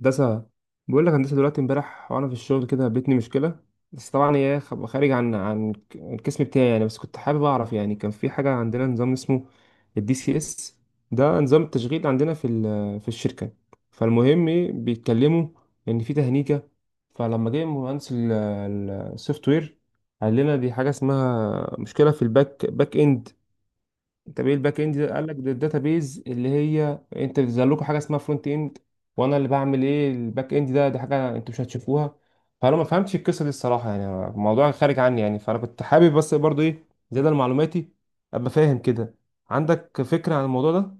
هندسة. بقول لك هندسة دلوقتي امبارح وانا في الشغل كده قابلتني مشكلة، بس طبعا هي خارج عن القسم بتاعي يعني. بس كنت حابب اعرف يعني، كان في حاجة عندنا نظام اسمه الدي سي اس. ده نظام التشغيل عندنا في الشركة. فالمهم بيتكلموا ان في تهنيجة. فلما جه مهندس السوفت وير قال لنا دي حاجة اسمها مشكلة في الباك اند. طب ايه الباك اند ده؟ قال لك ده الداتابيز اللي هي انت بتظهر لكم حاجه اسمها فرونت اند. وانا اللي بعمل ايه الباك اند ده دي حاجه انتوا مش هتشوفوها. فانا ما فهمتش القصه دي الصراحه، يعني الموضوع خارج عني يعني. فانا كنت حابب بس برضو ايه، زياده معلوماتي، ابقى فاهم كده عندك فكره عن الموضوع ده.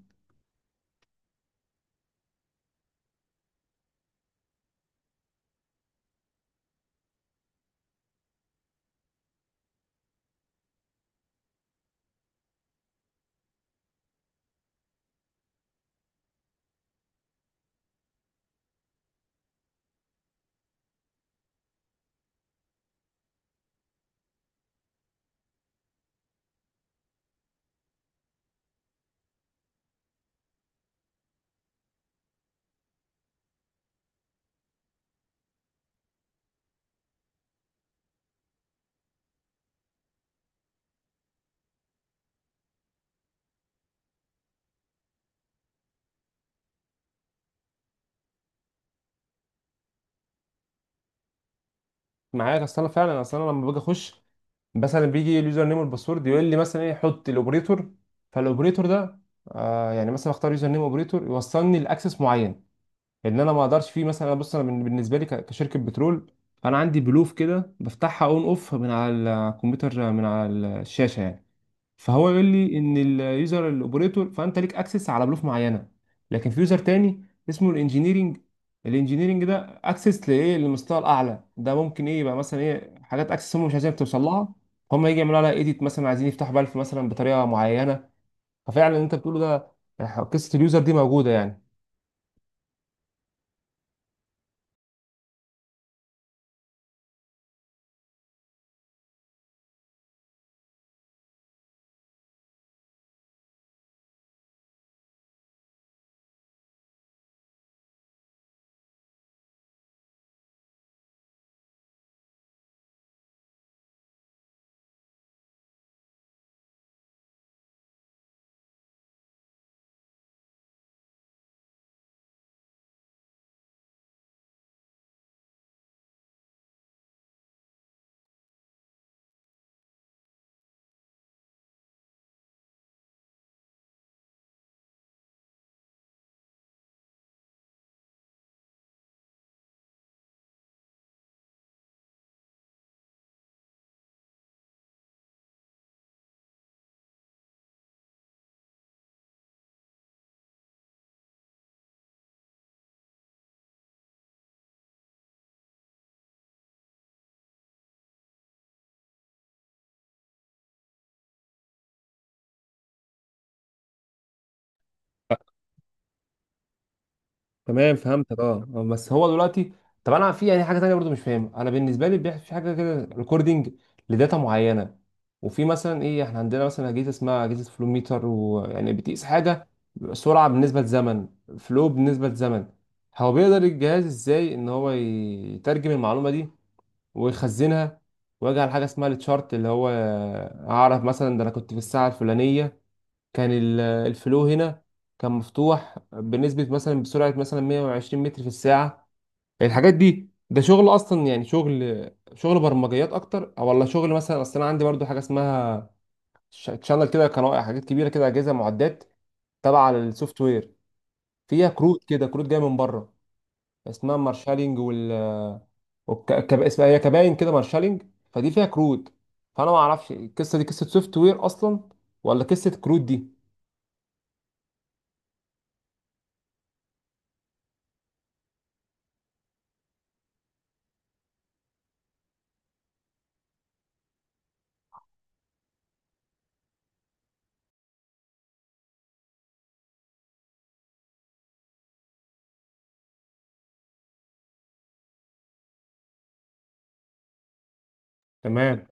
معاك. اصل انا فعلا اصل انا لما باجي اخش مثلا بيجي اليوزر نيم والباسورد يقول لي مثلا ايه، حط الاوبريتور. فالاوبريتور ده يعني مثلا اختار يوزر نيم اوبريتور يوصلني لاكسس معين، ان انا ما اقدرش فيه. مثلا بص انا بالنسبه لي كشركه بترول، انا عندي بلوف كده بفتحها اون اوف من على الكمبيوتر، من على الشاشه يعني. فهو يقول لي ان اليوزر الاوبريتور فانت ليك اكسس على بلوف معينه. لكن في يوزر تاني اسمه الانجينيرنج. الانجينيرنج ده اكسس لايه، للمستوى الاعلى ده، ممكن ايه يبقى مثلا ايه حاجات اكسس هم مش عايزين توصل لها، هم يجي يعملوا لها ايديت مثلا، عايزين يفتحوا بالف مثلا بطريقه معينه. ففعلا اللي انت بتقوله ده، قصه اليوزر دي موجوده يعني. تمام فهمتك. اه بس هو دلوقتي طب انا في يعني حاجه تانية برضو مش فاهمها. انا بالنسبه لي بيحصل في حاجه كده ريكوردنج لداتا معينه. وفي مثلا ايه، احنا عندنا مثلا اجهزه اسمها اجهزه فلو ميتر ويعني بتقيس حاجه، سرعه بالنسبه لزمن، فلو بالنسبه لزمن. هو بيقدر الجهاز ازاي ان هو يترجم المعلومه دي ويخزنها، ويجعل حاجه اسمها التشارت اللي هو اعرف مثلا ده انا كنت في الساعه الفلانيه كان الفلو هنا كان مفتوح بنسبة مثلا بسرعة مثلا 120 متر في الساعة. الحاجات دي ده شغل أصلا يعني شغل برمجيات أكتر أو ولا شغل مثلا؟ أصل أنا عندي برضو حاجة اسمها تشانل كده، قناة، حاجات كبيرة كده، أجهزة معدات تبع للسوفت وير فيها كروت كده، كروت جاية من بره اسمها مارشالينج، اسمها هي كباين كده، مارشالينج. فدي فيها كروت. فأنا ما أعرفش القصة دي قصة سوفت وير أصلا ولا قصة كروت دي. تمام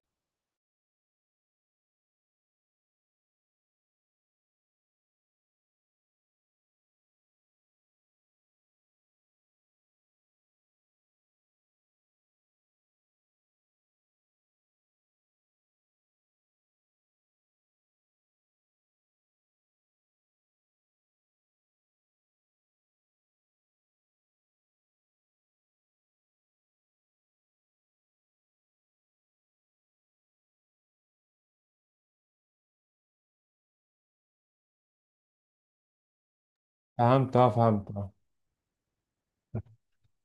فهمت اه فهمت آه.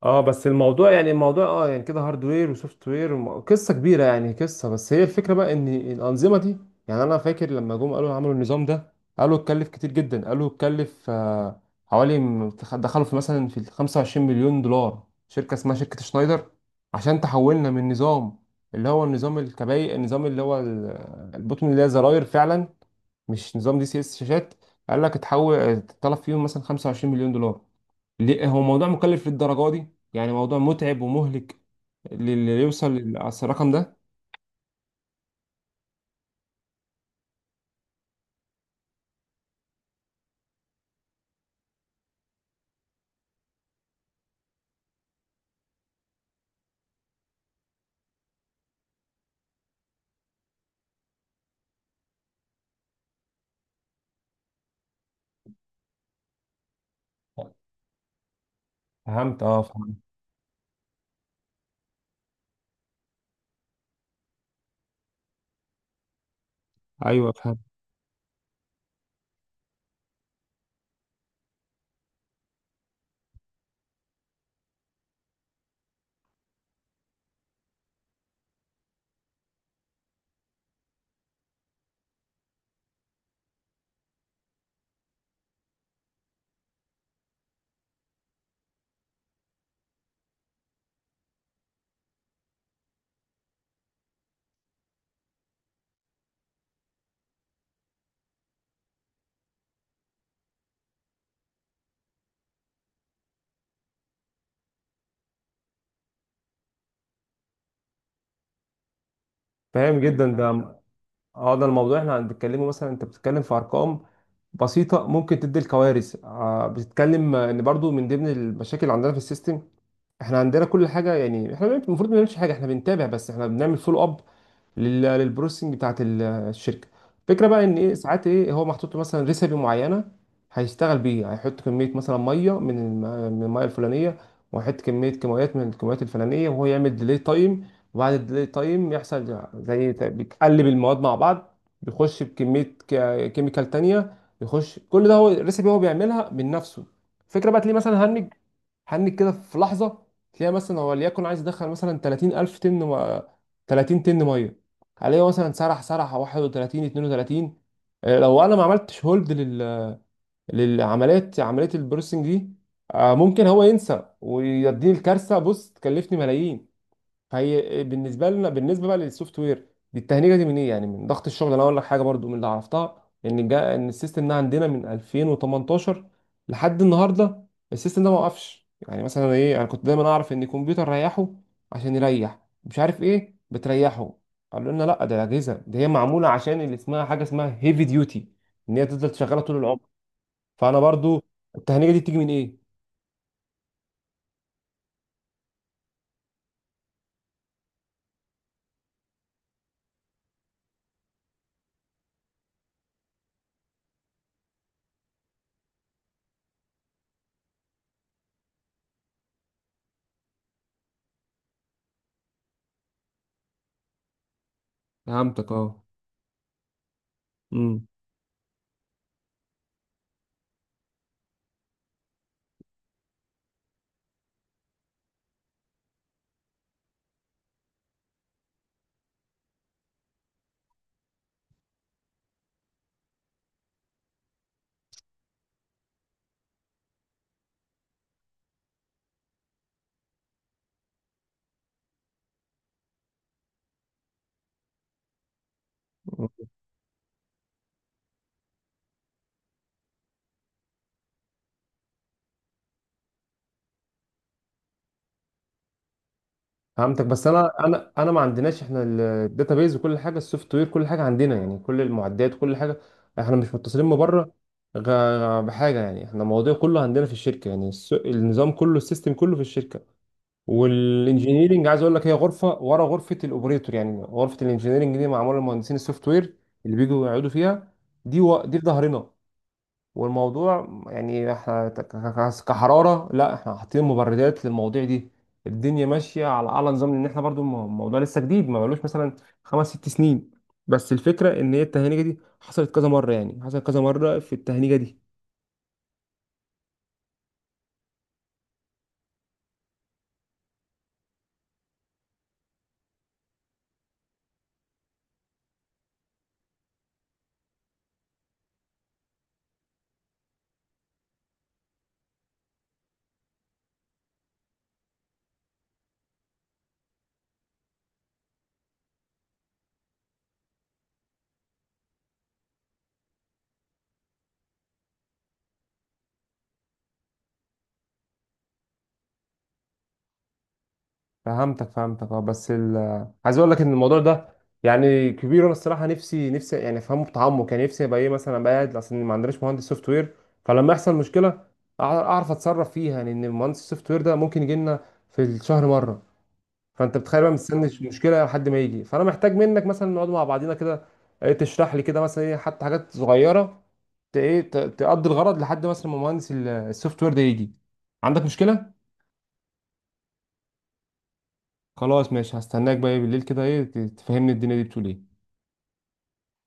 اه بس الموضوع يعني الموضوع اه يعني كده هاردوير وسوفت وير قصه كبيره يعني قصه. بس هي الفكره بقى ان الانظمه دي، يعني انا فاكر لما جم قالوا عملوا النظام ده قالوا اتكلف كتير جدا، قالوا اتكلف حوالي دخلوا في مثلا في ال 25 مليون دولار. شركه اسمها شركه شنايدر عشان تحولنا من نظام اللي هو النظام الكبائي، النظام اللي هو البوتون اللي هي زراير فعلا، مش نظام دي سي اس شاشات. قال لك اتحول اتطلب فيهم مثلا 25 مليون دولار. ليه هو موضوع مكلف للدرجة دي؟ يعني موضوع متعب ومهلك للي يوصل أصل الرقم ده. فهمت اه فهمت. ايوه فهمت. فاهم جدا ده. اه ده الموضوع احنا بنتكلمه. مثلا انت بتتكلم في ارقام بسيطه ممكن تدي الكوارث. آه بتتكلم ان برضو من ضمن المشاكل اللي عندنا في السيستم، احنا عندنا كل حاجه. يعني احنا المفروض ما بنعملش حاجه، احنا بنتابع بس، احنا بنعمل فولو اب للبروسيسنج بتاعت الشركه. الفكره بقى ان ايه، ساعات ايه هو محطوط له مثلا ريسبي معينه، هيشتغل بيه، هيحط كميه مثلا ميه من من الميه الفلانيه وهيحط كميه كيماويات من الكيماويات الفلانيه وهو يعمل ديلي تايم، وبعد الديلي تايم يحصل زي بيتقلب المواد مع بعض، بيخش بكميه كيميكال تانية، بيخش. كل ده هو الريسبي، هو بيعملها من نفسه. الفكره بقى تلاقيه مثلا هنج، هنك كده في لحظه. تلاقي مثلا هو ليكن عايز يدخل مثلا 30,000 طن 30 طن ميه، عليه مثلا سرح سرح 31 32. لو انا ما عملتش هولد لل للعمليات، عمليه البروسينج دي ممكن هو ينسى ويديني الكارثه. بص تكلفني ملايين، هي بالنسبه لنا بالنسبه بقى للسوفت وير دي التهنيجه. دي من ايه؟ يعني من ضغط الشغل. انا اقول لك حاجه برضو من اللي عرفتها ان جا، ان السيستم ده عندنا من 2018 لحد النهارده. السيستم ده ما وقفش. يعني مثلا ايه، انا كنت دايما اعرف ان الكمبيوتر ريحه، عشان يريح مش عارف ايه بتريحه. قالوا لنا لا، ده اجهزه دي هي معموله عشان اللي اسمها حاجه اسمها هيفي ديوتي، ان هي تفضل شغاله طول العمر. فانا برضو التهنيجه دي بتيجي من ايه؟ فهمتك اه. امم فهمتك بس انا انا ما عندناش احنا الداتابيز وكل حاجه، السوفت وير كل حاجه عندنا، يعني كل المعدات كل حاجه احنا مش متصلين من بره غ- بحاجه. يعني احنا الموضوع كله عندنا في الشركه، يعني النظام كله السيستم كله في الشركه. والانجينيرنج عايز اقول لك هي غرفه ورا غرفه الاوبريتور. يعني غرفه الانجينيرنج دي معموله لمهندسين السوفت وير اللي بيجوا يقعدوا فيها. دي و... دي في ظهرنا. والموضوع يعني احنا كحرارة لا، احنا حاطين مبردات للمواضيع دي. الدنيا ماشية على أعلى نظام، لأن احنا برضو الموضوع لسه جديد ما بقالوش مثلا 5 6 سنين. بس الفكرة إن هي التهنيجة دي حصلت كذا مرة، يعني حصلت كذا مرة في التهنيجة دي. فهمتك اه بس ال عايز اقول لك ان الموضوع ده يعني كبير. انا الصراحه نفسي يعني افهمه بتعمق، يعني نفسي ابقى ايه مثلا ابقى قاعد. اصل ما عندناش مهندس سوفت وير، فلما يحصل مشكله اعرف اتصرف فيها. يعني ان المهندس السوفت وير ده ممكن يجي لنا في الشهر مره، فانت بتخيل بقى مستني مشكله لحد ما يجي. فانا محتاج منك مثلا نقعد مع بعضينا كده تشرح لي كده مثلا ايه حتى حاجات صغيره تقضي الغرض لحد مثلا ما مهندس السوفت وير ده يجي. عندك مشكله؟ خلاص ماشي، هستناك بقى بالليل كده ايه تفهمني الدنيا دي بتقول ايه.